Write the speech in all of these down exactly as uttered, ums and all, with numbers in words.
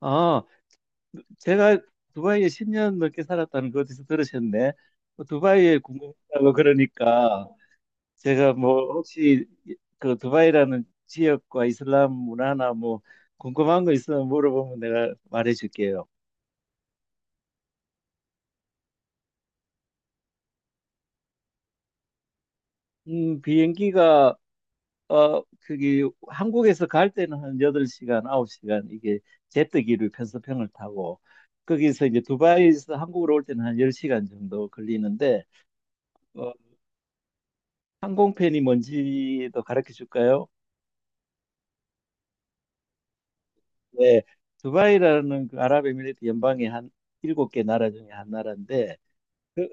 아, 제가 두바이에 십 년 넘게 살았다는 거 어디서 들으셨네? 뭐, 두바이에 궁금하다고 그러니까 제가 뭐 혹시 그 두바이라는 지역과 이슬람 문화나 뭐 궁금한 거 있으면 물어보면 내가 말해줄게요. 음, 비행기가 어 그기 한국에서 갈 때는 한 여덟 시간, 아홉 시간, 이게 제트기로 편서평을 타고, 거기서 이제 두바이에서 한국으로 올 때는 한 열 시간 정도 걸리는데, 어, 항공편이 뭔지도 가르쳐 줄까요? 네, 두바이라는 그 아랍에미리트 연방의 한 일곱 개 나라 중에 한 나라인데, 그,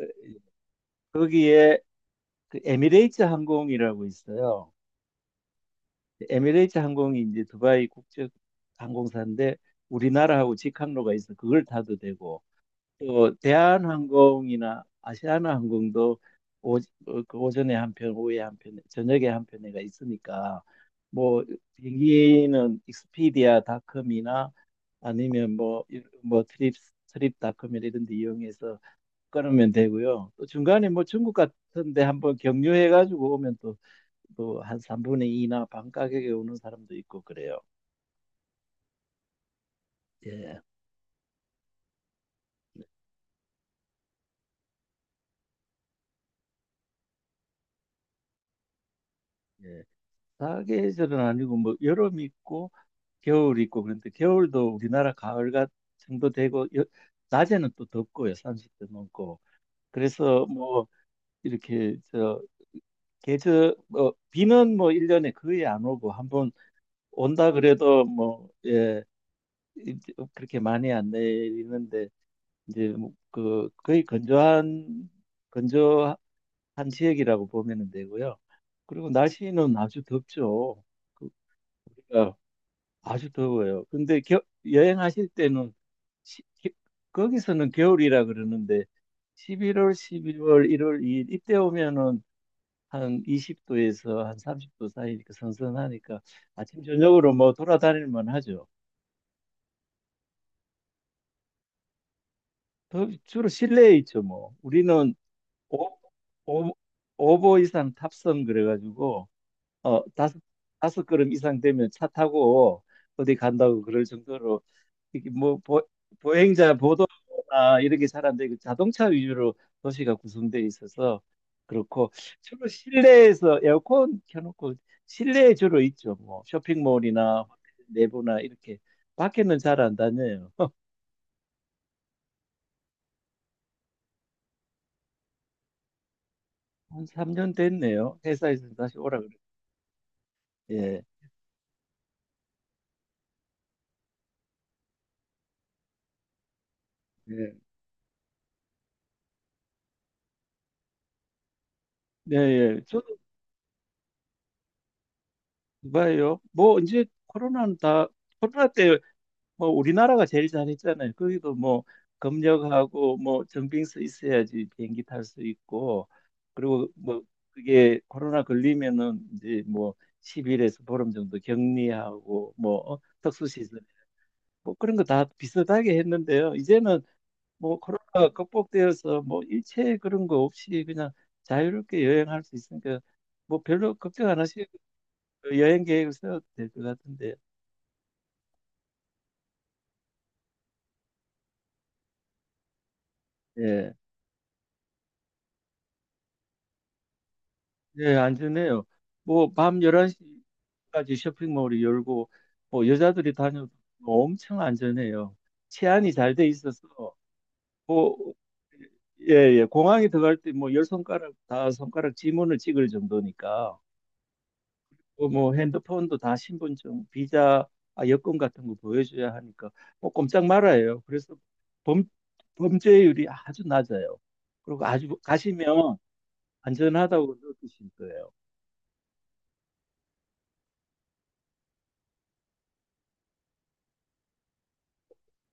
거기에 그 에미레이트 항공이라고 있어요. 에미레이트 항공이 이제 두바이 국적 항공사인데, 우리나라하고 직항로가 있어 그걸 타도 되고, 또 대한항공이나 아시아나항공도, 오, 어, 그 오전에 한 편, 오후에 한 편, 저녁에 한 편에가 있으니까, 뭐 비행기는 익스피디아닷컴이나 아니면 뭐뭐 트립 트립닷컴이나 이런 데 이용해서 끊으면 되고요. 또 중간에 뭐 중국 같은데 한번 경유해 가지고 오면 또 또 한 삼분의 이나 반 가격에 오는 사람도 있고 그래요. 예. 예. 사계절은 아니고 뭐 여름 있고 겨울 있고, 그런데 겨울도 우리나라 가을 같 정도 되고, 여- 낮에는 또 덥고요, 삼십도 넘고. 그래서 뭐 이렇게 저 계절 뭐 비는 뭐 일 년에 거의 안 오고, 한번 온다 그래도 뭐 예 이- 그렇게 많이 안 내리는데, 이제 뭐그 거의 건조한 건조한 지역이라고 보면 되고요. 그리고 날씨는 아주 덥죠. 그 아주 더워요. 근데 겨, 여행하실 때는 시- 기- 거기서는 겨울이라 그러는데 십일월, 십이월, 일월, 이 일 이때 오면은 한 이십 도에서 한 삼십 도 사이니까 선선하니까 아침 저녁으로 뭐 돌아다닐 만하죠. 더- 주로 실내에 있죠 뭐. 우리는 오, 오, 오보 이상 탑승 그래가지고 어 다섯 다섯 걸음 이상 되면 차 타고 어디 간다고 그럴 정도로 이게 뭐 보, 보행자 보도나 이런 게 잘 안 되고 자동차 위주로 도시가 구성되어 있어서 그렇고, 주로 실내에서 에어컨 켜놓고 실내에 주로 있죠. 뭐 쇼핑몰이나 호텔 내부나 이렇게 밖에는 잘 안 다녀요. 한 삼 년 됐네요. 회사에서 다시 오라 그래요. 예. 예. 네, 예. 저도 봐요. 뭐 이제 코로나는 다 코로나 때 뭐 우리나라가 제일 잘했잖아요. 거기도 뭐 검역하고 뭐 정빙서 있어야지 비행기 탈 수 있고, 그리고 뭐 그게 코로나 걸리면은 이제 뭐 십 일에서 보름 정도 격리하고 뭐 어, 특수시설 뭐 그런 거 다 비슷하게 했는데요. 이제는 뭐 코로나가 극복되어서 뭐 일체 그런 거 없이 그냥 자유롭게 여행할 수 있으니까 뭐 별로 걱정 안 하시고 여행 계획을 세워도 될 것 같은데. 예. 네, 안전해요. 뭐, 밤 열한 시까지 쇼핑몰이 열고, 뭐, 여자들이 다녀도 엄청 안전해요. 치안이 잘 돼 있어서, 뭐, 예, 예, 공항에 들어갈 때 뭐, 열 손가락 다 손가락 지문을 찍을 정도니까, 뭐, 뭐 핸드폰도 다 신분증, 비자, 아, 여권 같은 거 보여줘야 하니까, 뭐, 꼼짝 말아요. 그래서 범, 범죄율이 아주 낮아요. 그리고 아주 가시면 안전하다고 느끼실 거예요.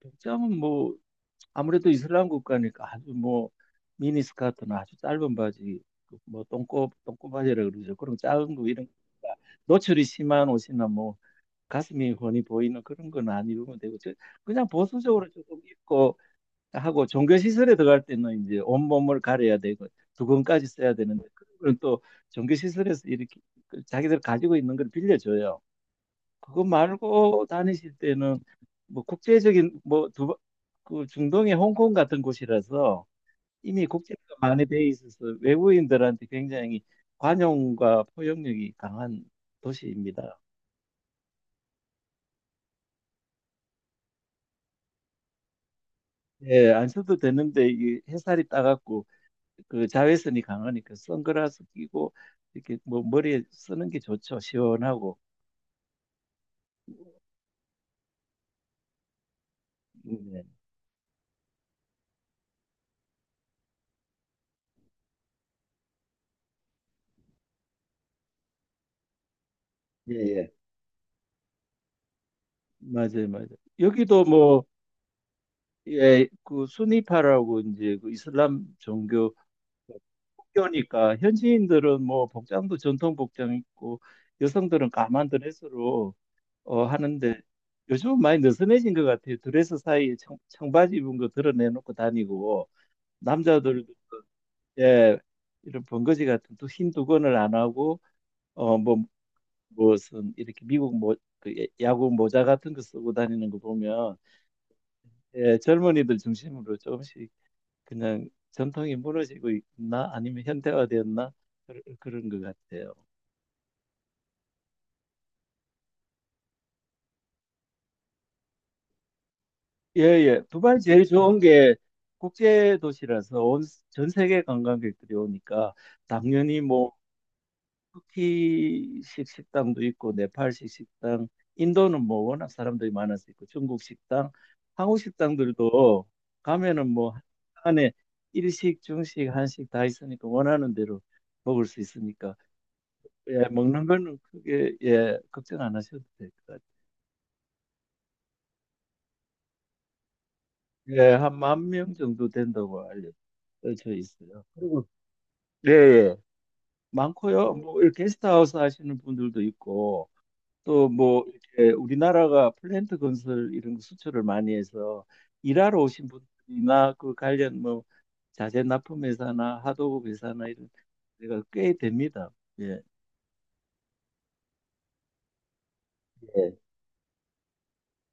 백점은 뭐, 아무래도 이슬람 국가니까 아주 뭐 미니스커트나 아주 짧은 바지, 뭐 똥꼬 똥꼬바지라 그러죠. 그런 짧은 거 이런 거 노출이 심한 옷이나 뭐 가슴이 훤히 보이는 그런 건 안 입으면 되고, 저- 그냥 보수적으로 조금 입고 하고, 종교 시설에 들어갈 때는 이제 온몸을 가려야 되고 두건까지 써야 되는데, 그런 건또 종교 시설에서 이렇게 그 자기들 가지고 있는 걸 빌려줘요. 그거 말고 다니실 때는 뭐 국제적인 뭐 두, 그 중동의 홍콩 같은 곳이라서 이미 국제가 많이 돼 있어서 외국인들한테 굉장히 관용과 포용력이 강한 도시입니다. 예, 안 써도 되는데 이 햇살이 따갑고 그 자외선이 강하니까 선글라스 끼고 이렇게 뭐 머리에 쓰는 게 좋죠. 시원하고. 네. 예, 예. 맞아요, 맞아요. 여기도 뭐 예, 그 수니파라고 이제 그 이슬람 종교 학교니까 현지인들은 뭐 복장도 전통 복장 있고 여성들은 까만 드레스로 어, 하는데 요즘은 많이 느슨해진 것 같아요. 드레스 사이에 청, 청바지 입은 거 드러내놓고 다니고 남자들도 예 이런 번거지 같은 또 흰 두건을 안 하고 어 뭐 무슨 이렇게 미국 모, 그 야구 모자 같은 거 쓰고 다니는 거 보면 예 젊은이들 중심으로 조금씩 그냥 전통이 무너지고 있나 아니면 현대화되었나 그런, 그런 것 같아요. 예예. 두바이 제일 좋은 게 국제 도시라서 온, 전 세계 관광객들이 오니까 당연히 뭐 터키식 식당도 있고 네팔식 식당, 인도는 뭐 워낙 사람들이 많아서 있고 중국 식당, 한국 식당들도 가면은 뭐 안에 일식, 중식, 한식 다 있으니까 원하는 대로 먹을 수 있으니까, 예, 먹는 거는 크게 예, 걱정 안 하셔도 될 것 같아요. 예, 한 만 명 정도 된다고 알려져 있어요. 그리고 예, 예. 많고요. 뭐 이렇게 게스트하우스 하시는 분들도 있고 또 뭐 이렇게 우리나라가 플랜트 건설 이런 거 수출을 많이 해서 일하러 오신 분들이나 그 관련 뭐 자재 납품 회사나 하도급 회사나 이런 데가 꽤 됩니다. 예, 예,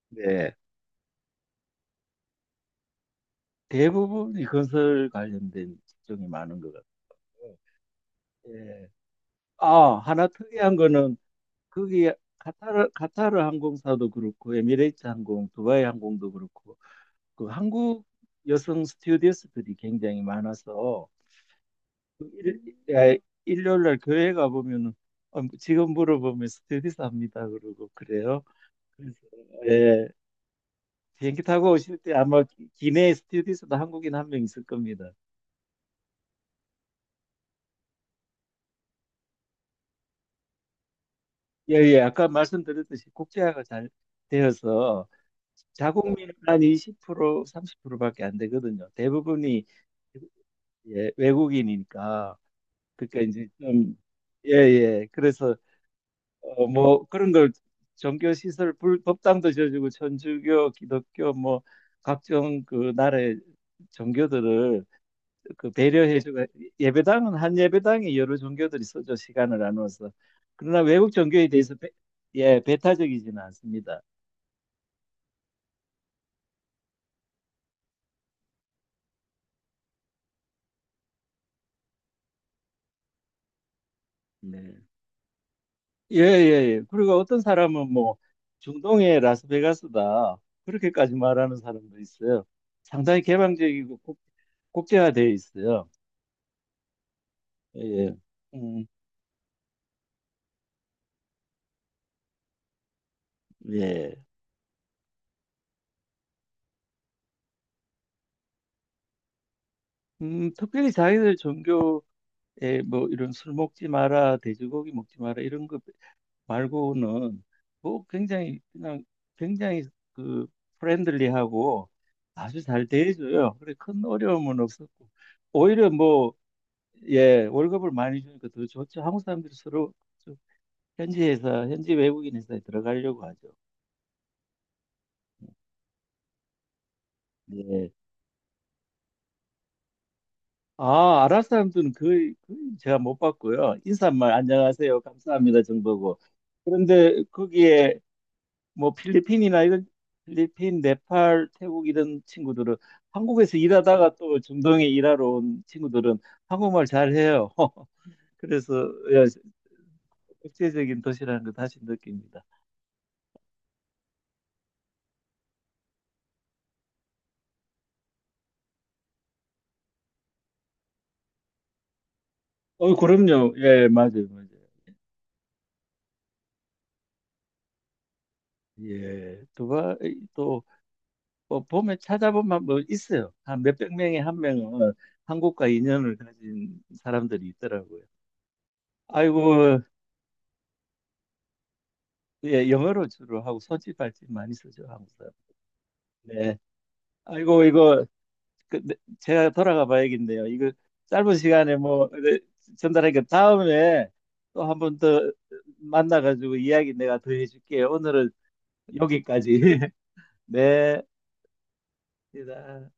네. 대부분이 건설 관련된 직종이 많은 것 같아요. 예. 아, 하나 특이한 거는 거기 카타르 카타르 항공사도 그렇고 에미레이트 항공, 두바이 항공도 그렇고 그 한국 여성 스튜어디스들이 굉장히 많아서 그 일, 야, 일요일 날 교회 가 보면은 어, 지금 물어보면 스튜어디스 합니다 그러고 그래요. 그래서 예, 비행기 타고 오실 때 아마 기- 기내 스튜어디스도 한국인 한 명 있을 겁니다. 예, 예, 아까 말씀드렸듯이 국제화가 잘 되어서 자국민은 한 이십 퍼센트, 삼십 프로밖에 안 되거든요. 대부분이 예, 외국인이니까, 그러니까 이제 좀 예예 그래서 어, 뭐 그런 걸 종교 시설 불, 법당도 지어주고 천주교, 기독교 뭐 각종 그 나라의 종교들을 그 배려해주고, 예배당은 한 예배당에 여러 종교들이 있어죠 시간을 나눠서. 그러나 외국 종교에 대해서 배, 예 배타적이지는 않습니다. 네. 예, 예, 예. 그리고 어떤 사람은 뭐 중동의 라스베가스다. 그렇게까지 말하는 사람도 있어요. 상당히 개방적이고 국, 국제화되어 있어요. 예. 예. 음, 예. 음, 특별히 자기들 종교에 뭐 이런 술 먹지 마라, 돼지고기 먹지 마라 이런 거 말고는 뭐 굉장히 그냥 굉장히 그 프렌들리하고 아주 잘 대해줘요. 그래 큰 어려움은 없었고 오히려 뭐 예, 월급을 많이 주니까 더 좋죠. 한국 사람들이 서로 좀 현지 회사, 현지 외국인 회사에 들어가려고 하죠. 예. 아, 아랍 사람들은 거의, 거의 제가 못 봤고요. 인사말 안녕하세요, 감사합니다 정도고. 그런데 거기에 뭐 필리핀이나 이런 필리핀, 네팔, 태국 이런 친구들은 한국에서 일하다가 또 중동에 일하러 온 친구들은 한국말 잘해요. 그래서 예, 국제적인 도시라는 걸 다시 느낍니다. 어, 그럼요. 예, 맞아요, 맞아요. 예, 누가 또 어, 보면 찾아보면 뭐 있어요. 한 몇백 명에 한 명은 한국과 인연을 가진 사람들이 있더라고요. 아이고, 예, 영어로 주로 하고 손짓발짓 많이 쓰죠, 한국 사람. 네. 아이고, 이거 그, 네, 제가 돌아가 봐야겠네요. 이거 짧은 시간에 뭐 네, 전달하니까 다음에 또 한 번 더 만나가지고 이야기 내가 더 해줄게요. 오늘은 여기까지. 네, 입니다.